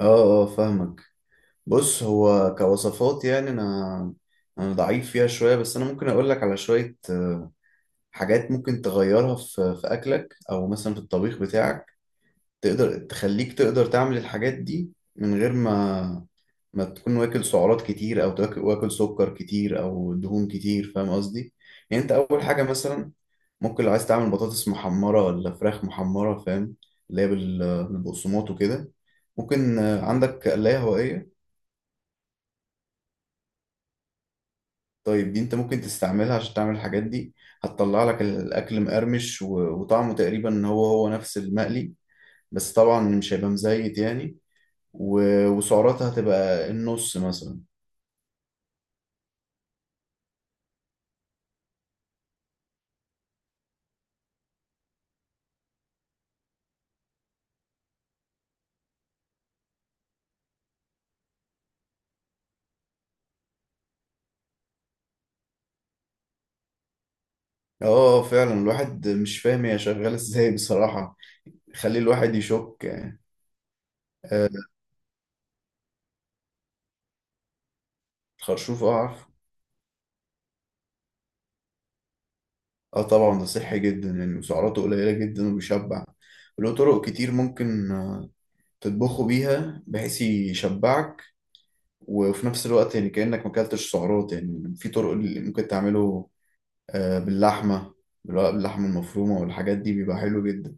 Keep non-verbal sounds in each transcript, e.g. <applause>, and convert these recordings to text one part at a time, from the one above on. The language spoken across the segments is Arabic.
اه، اه فاهمك. بص، هو كوصفات يعني انا ضعيف فيها شويه، بس انا ممكن اقول لك على شويه حاجات ممكن تغيرها في اكلك او مثلا في الطبيخ بتاعك. تقدر تخليك تقدر تعمل الحاجات دي من غير ما تكون واكل سعرات كتير او تاكل واكل سكر كتير او دهون كتير، فاهم قصدي؟ يعني انت اول حاجه مثلا، ممكن لو عايز تعمل بطاطس محمره ولا فراخ محمره، فاهم؟ اللي هي بالبقسماط وكده، ممكن عندك قلاية هوائية؟ طيب دي انت ممكن تستعملها عشان تعمل الحاجات دي. هتطلع لك الاكل مقرمش وطعمه تقريبا هو هو نفس المقلي، بس طبعا مش هيبقى مزيت يعني، وسعراتها هتبقى النص مثلا. اه فعلا، الواحد مش فاهم هي شغالة <laughs> ازاي بصراحة، خلي الواحد يشك يعني. آه، الخرشوف، اه عارف. اه طبعا ده صحي جدا يعني، وسعراته قليلة جدا وبيشبع. له طرق كتير ممكن تطبخه بيها بحيث يشبعك، وفي نفس الوقت يعني كأنك ما اكلتش سعرات. يعني في طرق اللي ممكن تعمله باللحمة، باللحمة المفرومة، والحاجات دي بيبقى حلو جدا.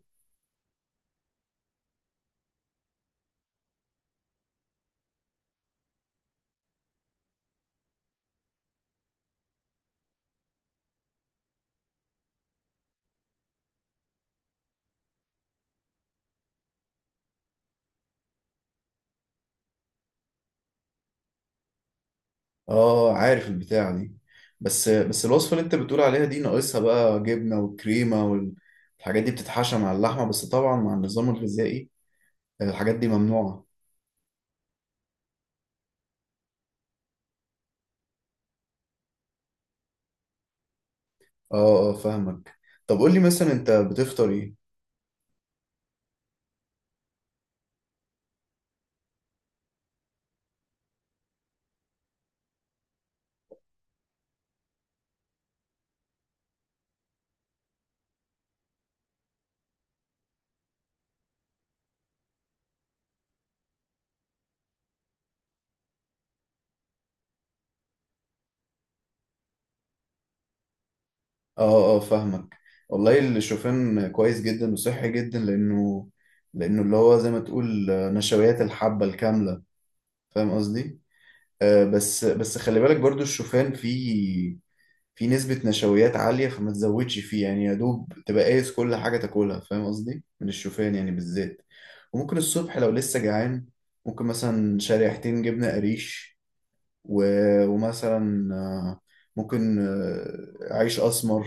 اه عارف البتاعة دي، بس الوصفة اللي انت بتقول عليها دي ناقصها بقى جبنة وكريمة والحاجات دي بتتحشى مع اللحمة، بس طبعا مع النظام الغذائي الحاجات دي ممنوعة. اه اه فاهمك. طب قول لي مثلا انت بتفطر ايه؟ اه اه فاهمك. والله الشوفان كويس جدا وصحي جدا، لانه اللي هو زي ما تقول نشويات الحبة الكاملة، فاهم قصدي؟ آه، بس خلي بالك برضو، الشوفان فيه نسبة نشويات عالية، فما تزودش فيه يعني، يا دوب تبقى قايس كل حاجة تاكلها، فاهم قصدي؟ من الشوفان يعني بالذات. وممكن الصبح لو لسه جعان، ممكن مثلا شريحتين جبنة قريش، و... ومثلا ممكن عيش أسمر،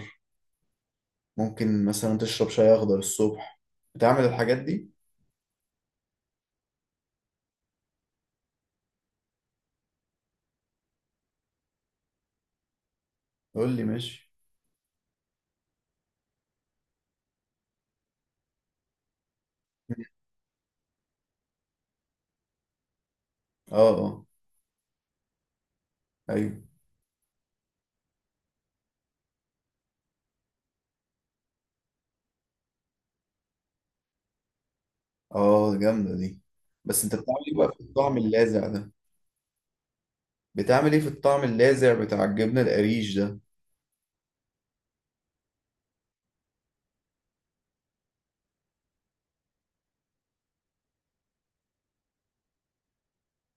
ممكن مثلا تشرب شاي اخضر الصبح، بتعمل الحاجات دي. قول لي، ماشي. اه اه. ايوه. اه جامده دي. بس انت بتعمل ايه بقى في الطعم اللاذع ده؟ بتعمل ايه في الطعم اللاذع بتاع الجبنه القريش ده؟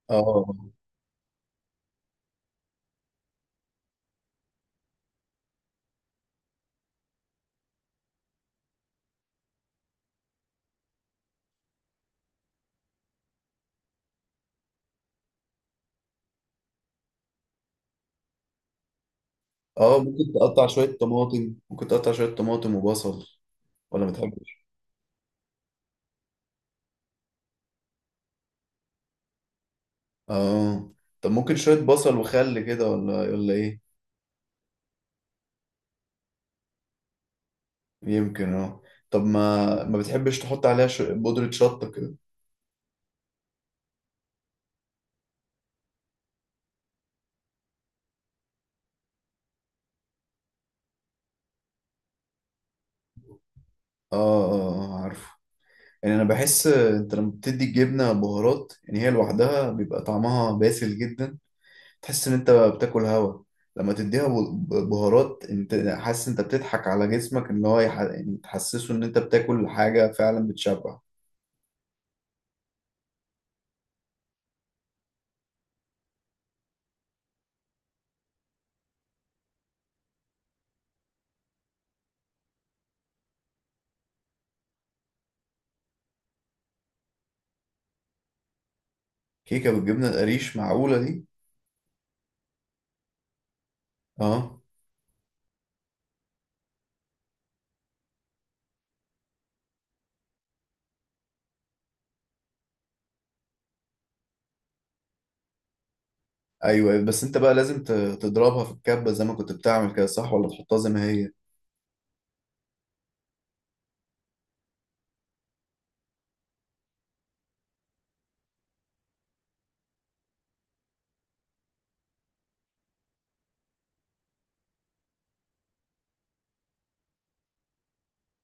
اه اه. ممكن تقطع شويه طماطم، ممكن تقطع شويه طماطم وبصل. ولا ما بتحبش؟ اه. طب ممكن شويه بصل وخل كده، ولا ايه؟ يمكن، اه. طب ما ما بتحبش تحط عليها بودره شطه كده؟ اه اه. عارفه. يعني انا بحس انت لما بتدي الجبنه بهارات، يعني هي لوحدها بيبقى طعمها باسل جدا، تحس ان انت بتاكل هوا. لما تديها بهارات، انت حاسس انت بتضحك على جسمك، ان هو يعني تحسسه ان انت بتاكل حاجه فعلا بتشبع. كيكه بالجبنه القريش؟ معقوله دي؟ اه. ايوه، بس انت بقى لازم تضربها في الكبه زي ما كنت بتعمل كده، صح؟ ولا تحطها زي ما هي؟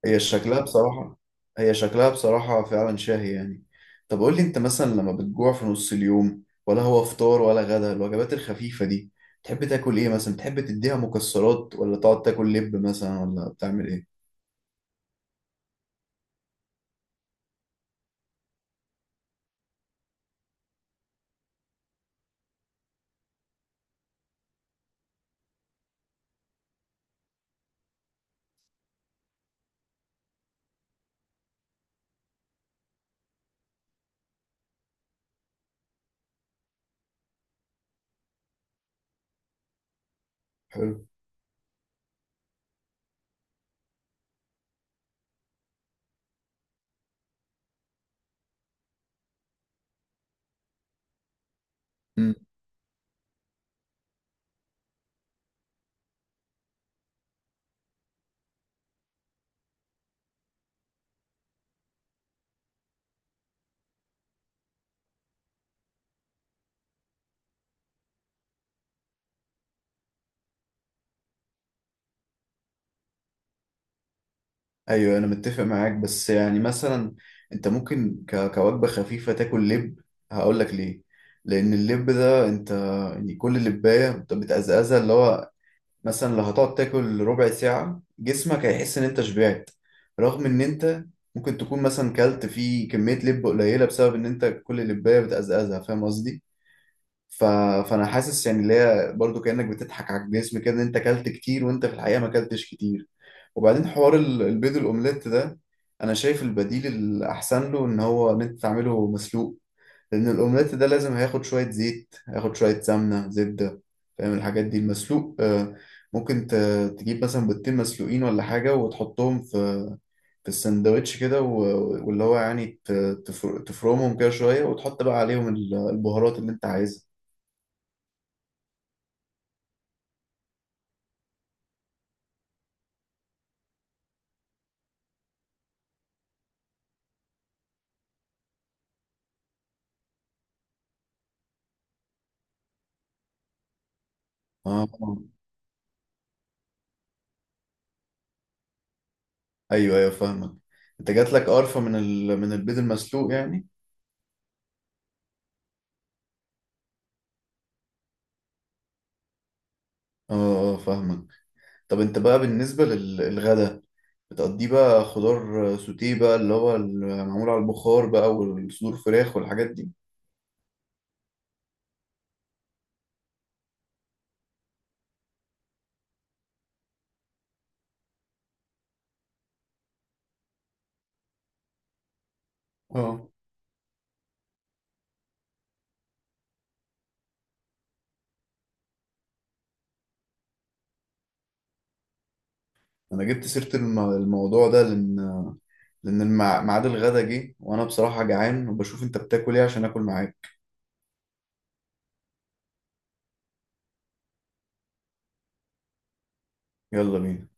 هي شكلها بصراحة، هي شكلها بصراحة فعلا شاهي يعني. طب قول لي، انت مثلا لما بتجوع في نص اليوم، ولا هو فطار ولا غدا، الوجبات الخفيفة دي تحب تاكل ايه مثلا؟ تحب تديها مكسرات ولا تقعد تاكل لب مثلا، ولا بتعمل ايه؟ حلو. امم. ايوه، انا متفق معاك. بس يعني مثلا انت ممكن كوجبة خفيفة تاكل لب. هقول لك ليه. لان اللب ده انت يعني كل لبايه بتقزقزها، اللي هو مثلا لو هتقعد تاكل ربع ساعة، جسمك هيحس إن أنت شبعت، رغم إن أنت ممكن تكون مثلا كلت فيه كمية لب قليلة، بسبب إن أنت كل لباية بتقزقزها، فاهم قصدي؟ ف... فأنا حاسس يعني اللي هي برضه كأنك بتضحك على الجسم كده، إن أنت كلت كتير، وأنت في الحقيقة ما كلتش كتير. وبعدين حوار البيض الأومليت ده، أنا شايف البديل الأحسن له، إن هو إن أنت تعمله مسلوق. لأن الأومليت ده لازم هياخد شوية زيت، هياخد شوية سمنة زبدة، فاهم الحاجات دي؟ المسلوق ممكن تجيب مثلا بيضتين مسلوقين ولا حاجة، وتحطهم في في السندوتش كده، واللي هو يعني تفرمهم كده شوية، وتحط بقى عليهم البهارات اللي أنت عايزها. اه، أيوه أيوه فاهمك. أنت جات لك قرفة من ال... من البيض المسلوق يعني. اه اه فاهمك. طب أنت بقى بالنسبة للغدا، بتقضيه بقى خضار سوتيه بقى، اللي هو معمول على البخار بقى، والصدور فراخ والحاجات دي؟ اه. انا جبت سيرة الموضوع ده لان، لان ميعاد الغدا جه وانا بصراحة جعان، وبشوف انت بتاكل ايه عشان اكل معاك. يلا بينا.